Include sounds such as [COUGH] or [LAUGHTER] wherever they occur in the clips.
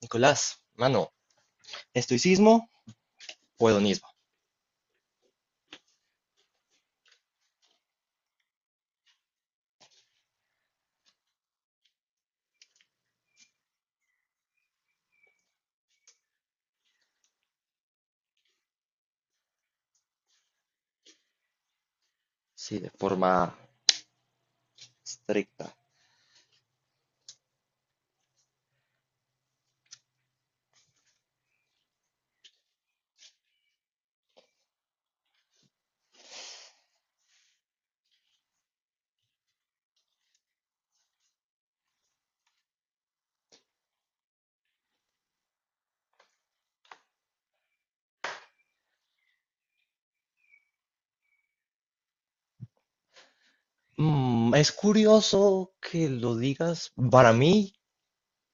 Nicolás, mano, ¿estoicismo o hedonismo? Sí, de forma estricta. Mm, es curioso que lo digas. Para mí,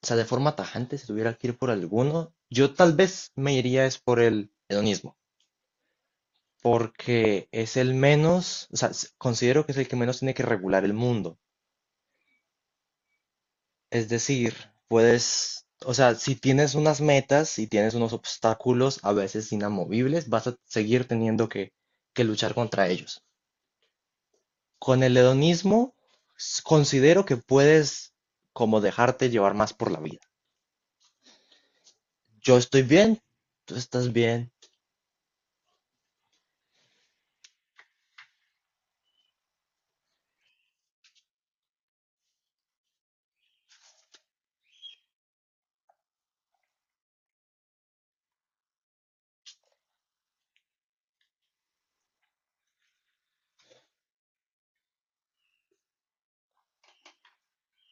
o sea, de forma tajante, si tuviera que ir por alguno, yo tal vez me iría es por el hedonismo, porque es el menos, o sea, considero que es el que menos tiene que regular el mundo. Es decir, puedes, o sea, si tienes unas metas, si tienes unos obstáculos a veces inamovibles, vas a seguir teniendo que luchar contra ellos. Con el hedonismo considero que puedes como dejarte llevar más por la vida. Yo estoy bien, tú estás bien.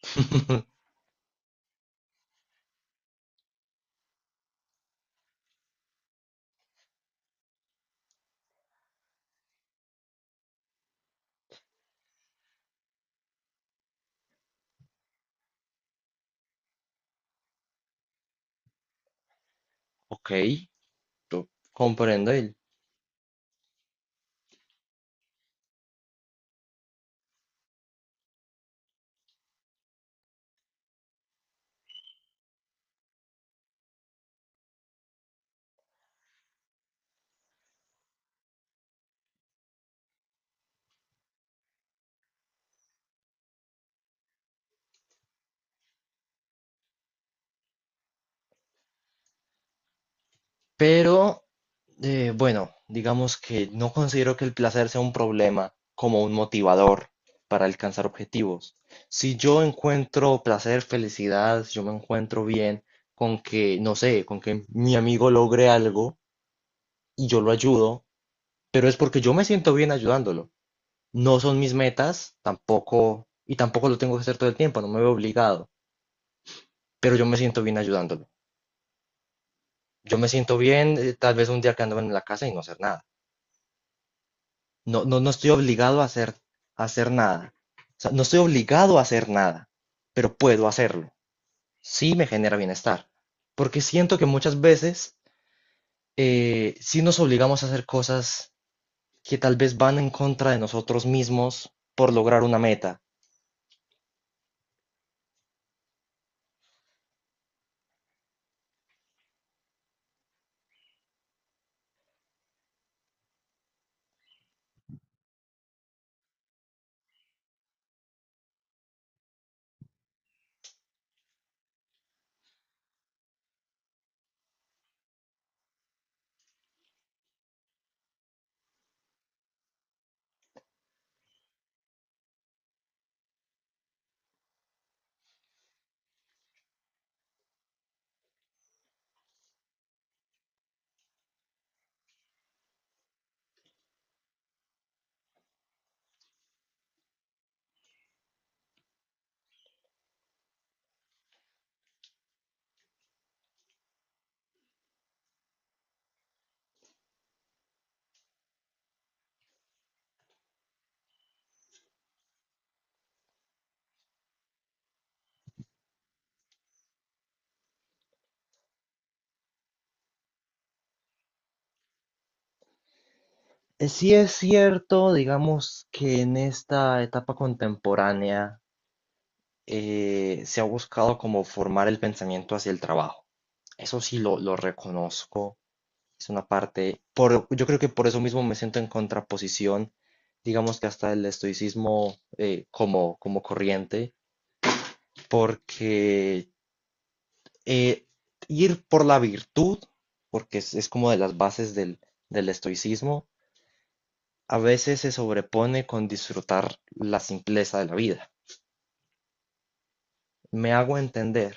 [LAUGHS] Ok, yo comprendo él. Pero, bueno, digamos que no considero que el placer sea un problema como un motivador para alcanzar objetivos. Si yo encuentro placer, felicidad, si yo me encuentro bien con que, no sé, con que mi amigo logre algo y yo lo ayudo, pero es porque yo me siento bien ayudándolo. No son mis metas, tampoco, y tampoco lo tengo que hacer todo el tiempo, no me veo obligado, pero yo me siento bien ayudándolo. Yo me siento bien, tal vez un día quedándome en la casa y no hacer nada. No, no, no estoy obligado a hacer nada. O sea, no estoy obligado a hacer nada, pero puedo hacerlo. Sí me genera bienestar. Porque siento que muchas veces sí nos obligamos a hacer cosas que tal vez van en contra de nosotros mismos por lograr una meta. Sí es cierto, digamos que en esta etapa contemporánea se ha buscado como formar el pensamiento hacia el trabajo. Eso sí lo reconozco. Es una parte, por, yo creo que por eso mismo me siento en contraposición, digamos que hasta el estoicismo, como corriente, porque eh, ir por la virtud, porque es como de las bases del estoicismo. A veces se sobrepone con disfrutar la simpleza de la vida. ¿Me hago entender?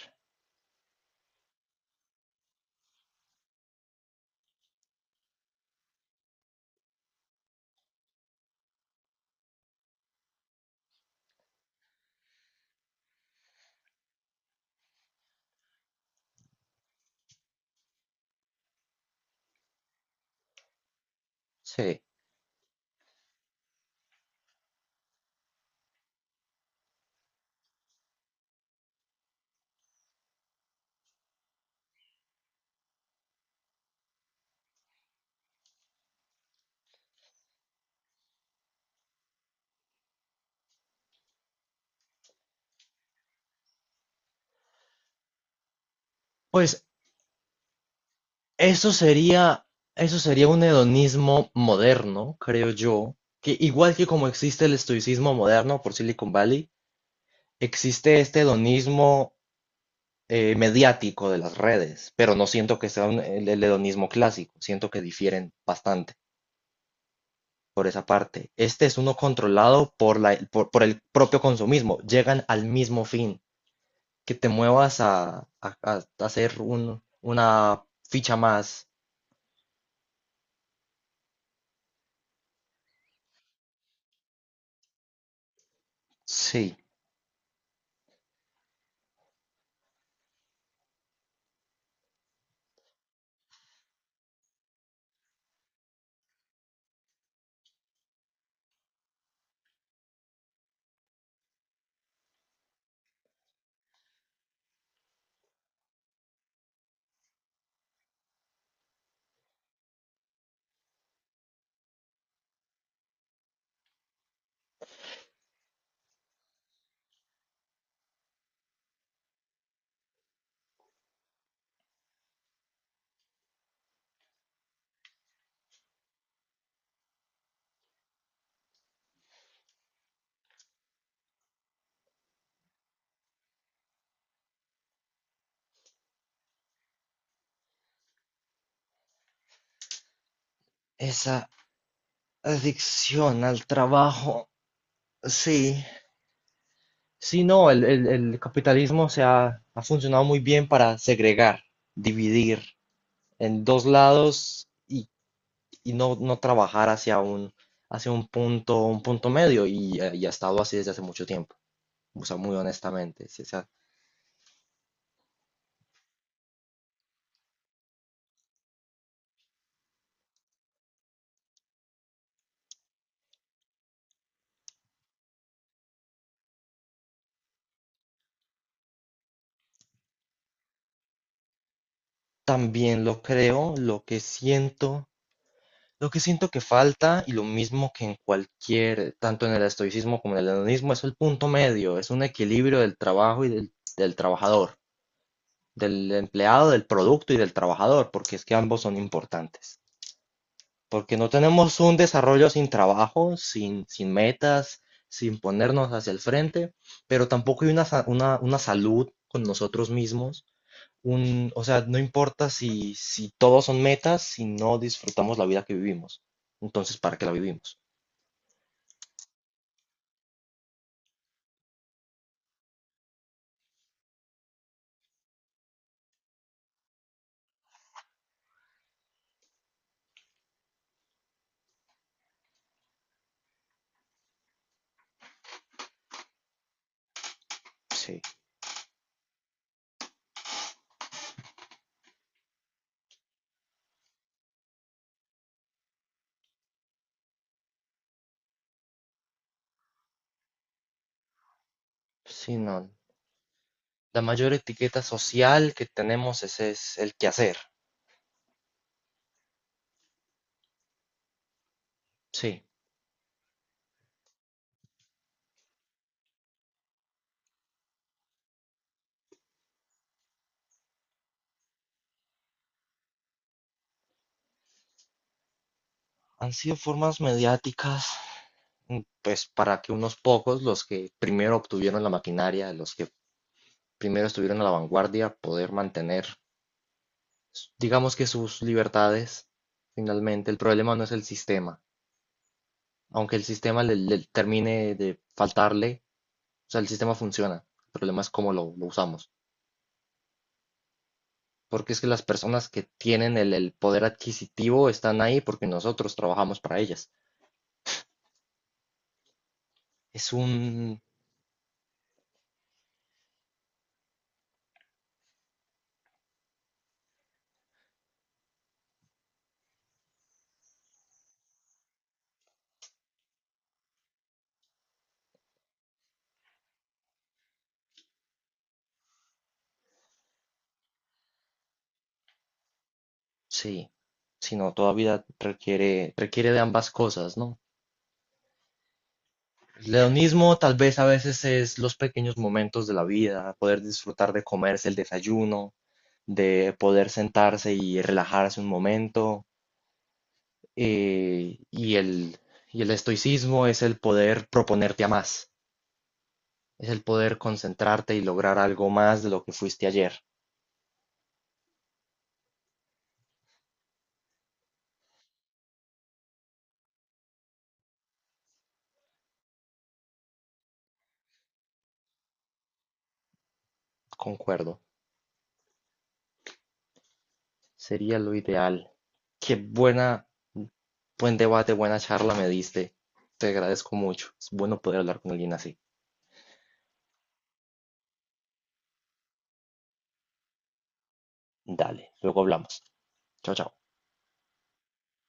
Sí. Pues eso sería, eso sería un hedonismo moderno, creo yo, que igual que como existe el estoicismo moderno por Silicon Valley, existe este hedonismo mediático de las redes, pero no siento que sea el hedonismo clásico, siento que difieren bastante por esa parte. Este es uno controlado por por el propio consumismo, llegan al mismo fin. Que te muevas a hacer una ficha más. Sí, esa adicción al trabajo, sí. Sí, no, el capitalismo ha funcionado muy bien para segregar, dividir en dos lados y no, no trabajar hacia un punto medio y ha estado así desde hace mucho tiempo, o sea, muy honestamente. Sí, o sea, también lo creo. Lo que siento, lo que siento que falta, y lo mismo que en cualquier, tanto en el estoicismo como en el hedonismo, es el punto medio, es un equilibrio del trabajo y del trabajador, del empleado, del producto y del trabajador, porque es que ambos son importantes. Porque no tenemos un desarrollo sin trabajo, sin metas, sin ponernos hacia el frente, pero tampoco hay una salud con nosotros mismos. O sea, no importa si, si todos son metas, si no disfrutamos la vida que vivimos. Entonces, ¿para qué la vivimos? Sí, sí, no. La mayor etiqueta social que tenemos es el quehacer. Sí, han sido formas mediáticas, mm, pues para que unos pocos, los que primero obtuvieron la maquinaria, los que primero estuvieron a la vanguardia, poder mantener, digamos que sus libertades. Finalmente, el problema no es el sistema, aunque el sistema le termine de faltarle, o sea, el sistema funciona. El problema es cómo lo usamos. Porque es que las personas que tienen el poder adquisitivo están ahí porque nosotros trabajamos para ellas. Es un, sí, sino todavía requiere, requiere de ambas cosas, ¿no? El hedonismo tal vez a veces es los pequeños momentos de la vida, poder disfrutar de comerse el desayuno, de poder sentarse y relajarse un momento. eh, y, el, y el estoicismo es el poder proponerte a más, es el poder concentrarte y lograr algo más de lo que fuiste ayer. Concuerdo, sería lo ideal. Qué buena, buen debate, buena charla me diste. Te agradezco mucho. Es bueno poder hablar con alguien así. Dale, luego hablamos. Chao, chao.